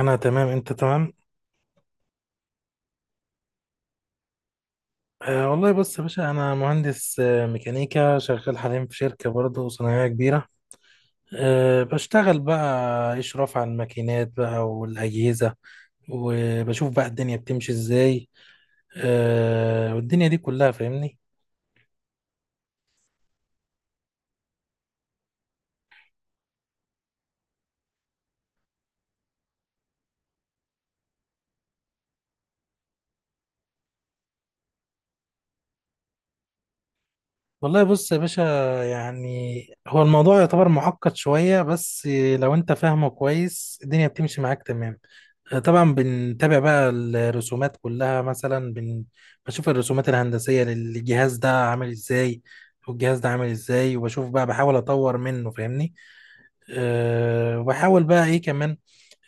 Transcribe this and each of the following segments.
انا تمام، انت تمام. والله بص يا باشا، انا مهندس ميكانيكا، شغال حاليا في شركه برضه صناعيه كبيره. أه بشتغل بقى اشراف على الماكينات بقى والاجهزه، وبشوف بقى الدنيا بتمشي ازاي. أه والدنيا دي كلها فاهمني. والله بص يا باشا، يعني هو الموضوع يعتبر معقد شوية، بس لو انت فاهمه كويس الدنيا بتمشي معاك تمام. طبعا بنتابع بقى الرسومات كلها، مثلا بشوف الرسومات الهندسية للجهاز ده عامل ازاي، والجهاز ده عامل ازاي، وبشوف بقى بحاول اطور منه فاهمني. أه وبحاول بقى ايه كمان،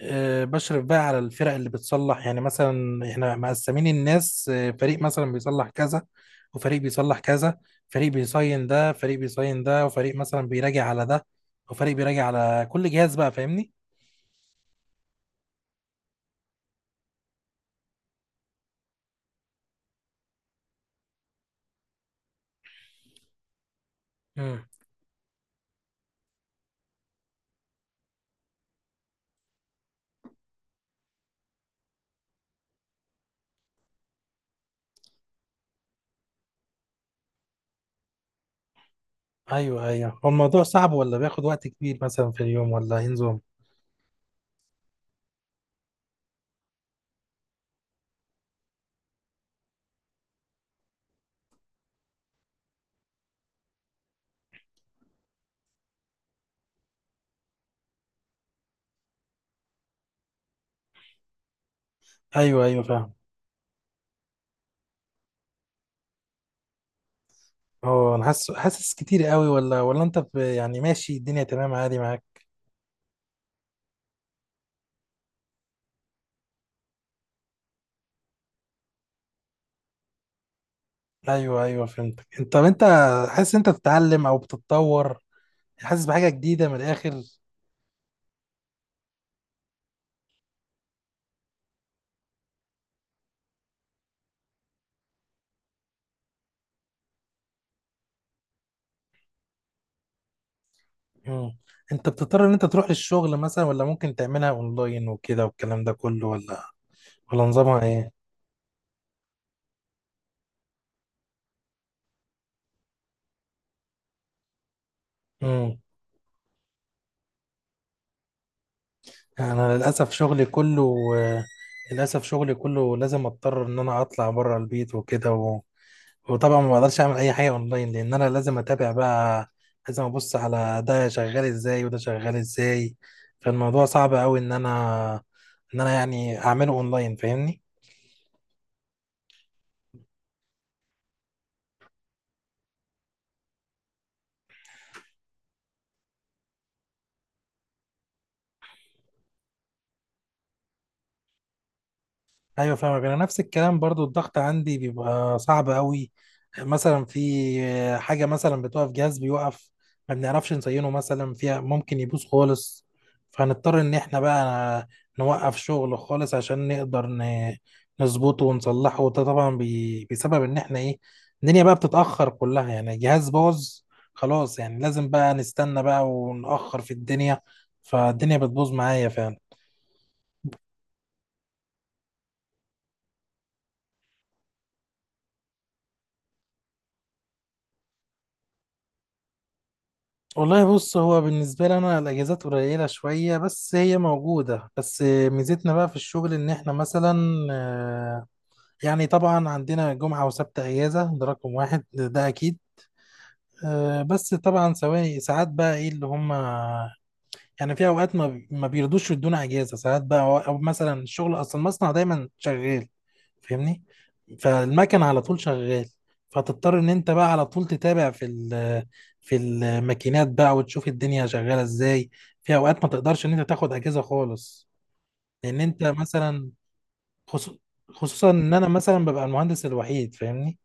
بشرف بقى على الفرق اللي بتصلح. يعني مثلا احنا مقسمين الناس، فريق مثلا بيصلح كذا، وفريق بيصلح كذا، فريق بيصين ده، فريق بيصين ده، وفريق مثلا بيراجع على ده، وفريق بيراجع على كل جهاز بقى فاهمني؟ امم ايوه ايوه، هو الموضوع صعب ولا بياخد وقت كبير مثلا في اليوم، ولا ايه نظام؟ ايوه ايوه فاهم. هو انا حاسس، حاسس كتير قوي ولا انت يعني ماشي الدنيا تمام عادي معاك؟ ايوه ايوه فهمتك. طب انت حاسس انت بتتعلم او بتتطور، حاسس بحاجه جديده من الاخر؟ مم. انت بتضطر ان انت تروح للشغل مثلا، ولا ممكن تعملها اونلاين وكده والكلام ده كله، ولا نظامها ايه؟ مم. انا للاسف شغلي كله للاسف شغلي كله لازم اضطر ان انا اطلع بره البيت وكده، وطبعا ما بقدرش اعمل اي حاجه اونلاين، لان انا لازم اتابع بقى، لازم ابص على ده شغال ازاي وده شغال ازاي. فالموضوع صعب قوي ان انا يعني اعمله اونلاين فاهمني. ايوه فاهمك. انا نفس الكلام برضو، الضغط عندي بيبقى صعب قوي، مثلا في حاجه مثلا بتقف، جهاز بيوقف، ما بنعرفش نزينه مثلا، فيها ممكن يبوظ خالص. فهنضطر ان احنا بقى نوقف شغل خالص عشان نقدر نظبطه ونصلحه، وده طبعا بسبب ان احنا ايه، الدنيا بقى بتتاخر كلها. يعني جهاز باظ خلاص، يعني لازم بقى نستنى بقى ونأخر في الدنيا، فالدنيا بتبوظ معايا فعلا. والله بص، هو بالنسبة لي أنا الأجازات قليلة شوية، بس هي موجودة. بس ميزتنا بقى في الشغل إن إحنا مثلا، آه، يعني طبعا عندنا جمعة وسبت أجازة، ده رقم واحد ده أكيد. بس طبعا سواء ساعات بقى إيه اللي هم، يعني في اوقات ما بيرضوش يدونا اجازه ساعات بقى، أو مثلا الشغل اصلا المصنع دايما شغال فاهمني، فالمكن على طول شغال، فتضطر ان انت بقى على طول تتابع في الماكينات بقى، وتشوف الدنيا شغاله ازاي. في اوقات ما تقدرش ان انت تاخد اجازه خالص، لان انت مثلا، خصو- خصوصا ان انا مثلا ببقى المهندس الوحيد فاهمني.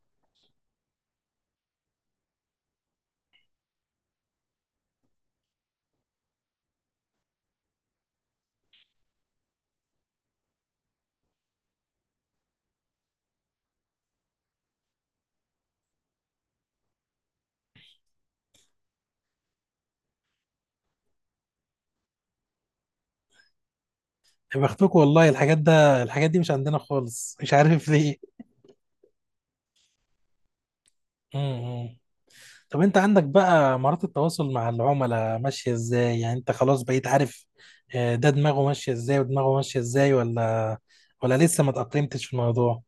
يا بختكم والله، الحاجات دي مش عندنا خالص، مش عارف ليه. طب انت عندك بقى مهارات التواصل مع العملاء ماشية ازاي؟ يعني انت خلاص بقيت عارف ده دماغه ماشية ازاي ودماغه ماشية ازاي، ولا ولا لسه ما تأقلمتش في الموضوع؟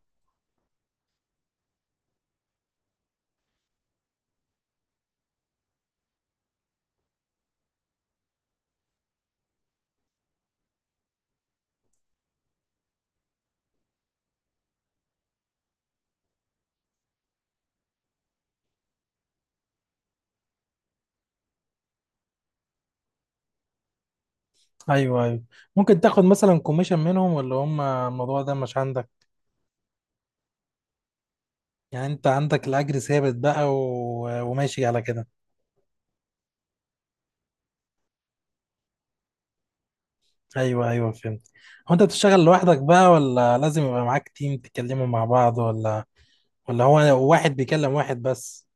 ايوه ايوه. ممكن تاخد مثلا كوميشن منهم، ولا هم الموضوع ده مش عندك؟ يعني انت عندك الاجر ثابت بقى وماشي على كده؟ ايوه ايوه فهمت. هو انت بتشتغل لوحدك بقى، ولا لازم يبقى معاك تيم تتكلموا مع بعض، ولا ولا هو واحد بيكلم واحد بس؟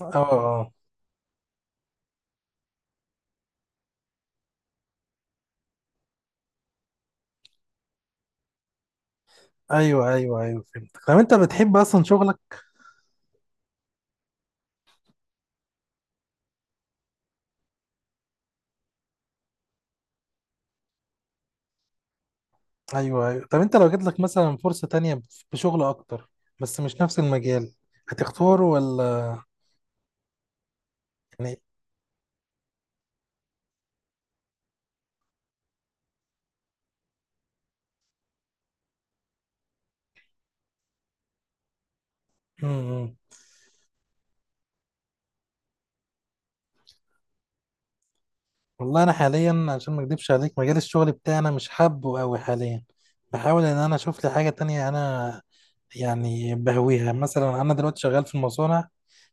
اه. ايوه ايوه ايوه فهمتك. طب انت بتحب اصلا شغلك؟ ايوه ايوه. طب انت لو جات لك مثلا فرصه تانية بشغل اكتر، بس مش نفس المجال، هتختاره ولا؟ يعني إمم. والله انا حاليا عشان ما اكدبش عليك، مجال الشغل بتاعنا مش حابه قوي حاليا، بحاول ان انا اشوف لي حاجه تانية. انا يعني بهويها، مثلا انا دلوقتي شغال في المصانع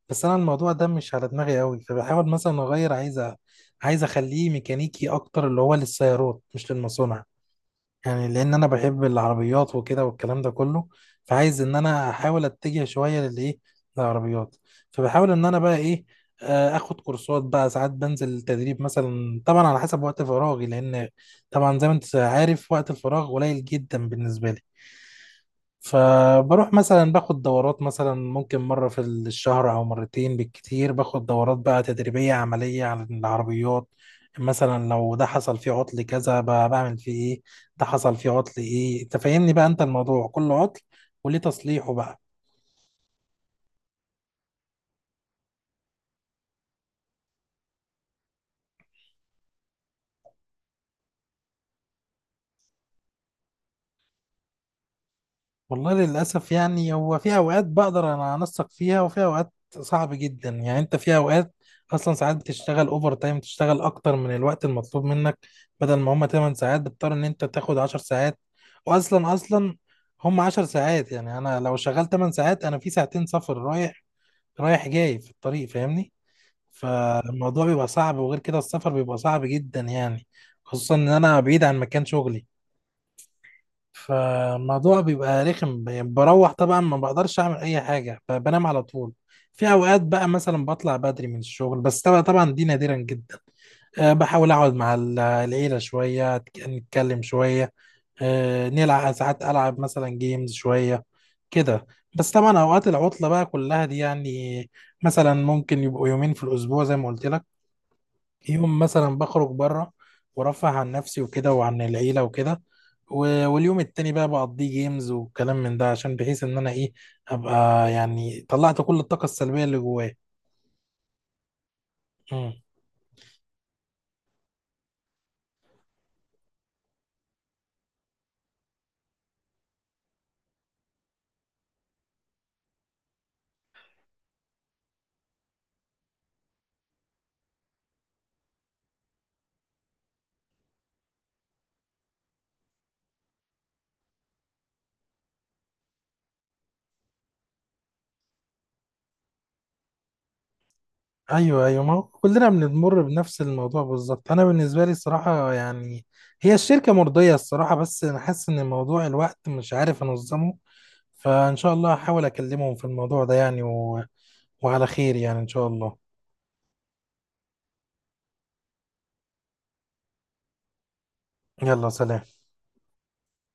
بس انا الموضوع ده مش على دماغي قوي، فبحاول مثلا اغير، عايز اخليه ميكانيكي اكتر، اللي هو للسيارات مش للمصانع. يعني لان انا بحب العربيات وكده والكلام ده كله، فعايز ان انا احاول اتجه شويه للايه، للعربيات. فبحاول ان انا بقى ايه، اخد كورسات بقى ساعات، بنزل تدريب مثلا، طبعا على حسب وقت فراغي، لان طبعا زي ما انت عارف وقت الفراغ قليل جدا بالنسبه لي. فبروح مثلا باخد دورات، مثلا ممكن مرة في الشهر أو مرتين بالكتير، باخد دورات بقى تدريبية عملية على العربيات. مثلا لو ده حصل فيه عطل كذا، بعمل فيه ايه، ده حصل فيه عطل ايه، تفهمني بقى انت الموضوع، كل عطل وليه تصليحه بقى. والله للأسف يعني، هو في أوقات بقدر أنا أنسق فيها، وفي أوقات صعب جدا يعني. أنت في أوقات أصلا ساعات بتشتغل أوفر تايم، تشتغل أكتر من الوقت المطلوب منك. بدل ما هما 8 ساعات بتضطر إن أنت تاخد 10 ساعات، وأصلا هما 10 ساعات يعني، أنا لو شغال 8 ساعات، أنا في ساعتين سفر، رايح جاي في الطريق فاهمني. فالموضوع بيبقى صعب، وغير كده السفر بيبقى صعب جدا يعني، خصوصا إن أنا بعيد عن مكان شغلي. فالموضوع بيبقى رخم يعني، بروح طبعا ما بقدرش اعمل اي حاجه، بنام على طول. في اوقات بقى مثلا بطلع بدري من الشغل، بس طبعا دي نادرا جدا. أه بحاول اقعد مع العيله شويه، نتكلم شويه، أه نلعب ساعات، العب مثلا جيمز شويه كده. بس طبعا اوقات العطله بقى كلها دي يعني، مثلا ممكن يبقوا يومين في الاسبوع زي ما قلت لك، يوم مثلا بخرج بره، ورفه عن نفسي وكده وعن العيلة وكده، واليوم التاني بقى بقضيه جيمز وكلام من ده، عشان بحيث ان انا ايه، ابقى يعني طلعت كل الطاقة السلبية اللي جوايا. مم. ايوه ايوه، ما هو كلنا بنمر بنفس الموضوع بالظبط. انا بالنسبة لي الصراحة يعني هي الشركة مرضية الصراحة، بس انا حاسس ان موضوع الوقت مش عارف انظمه. فان شاء الله هحاول اكلمهم في الموضوع ده يعني، وعلى خير يعني ان شاء الله. يلا سلام.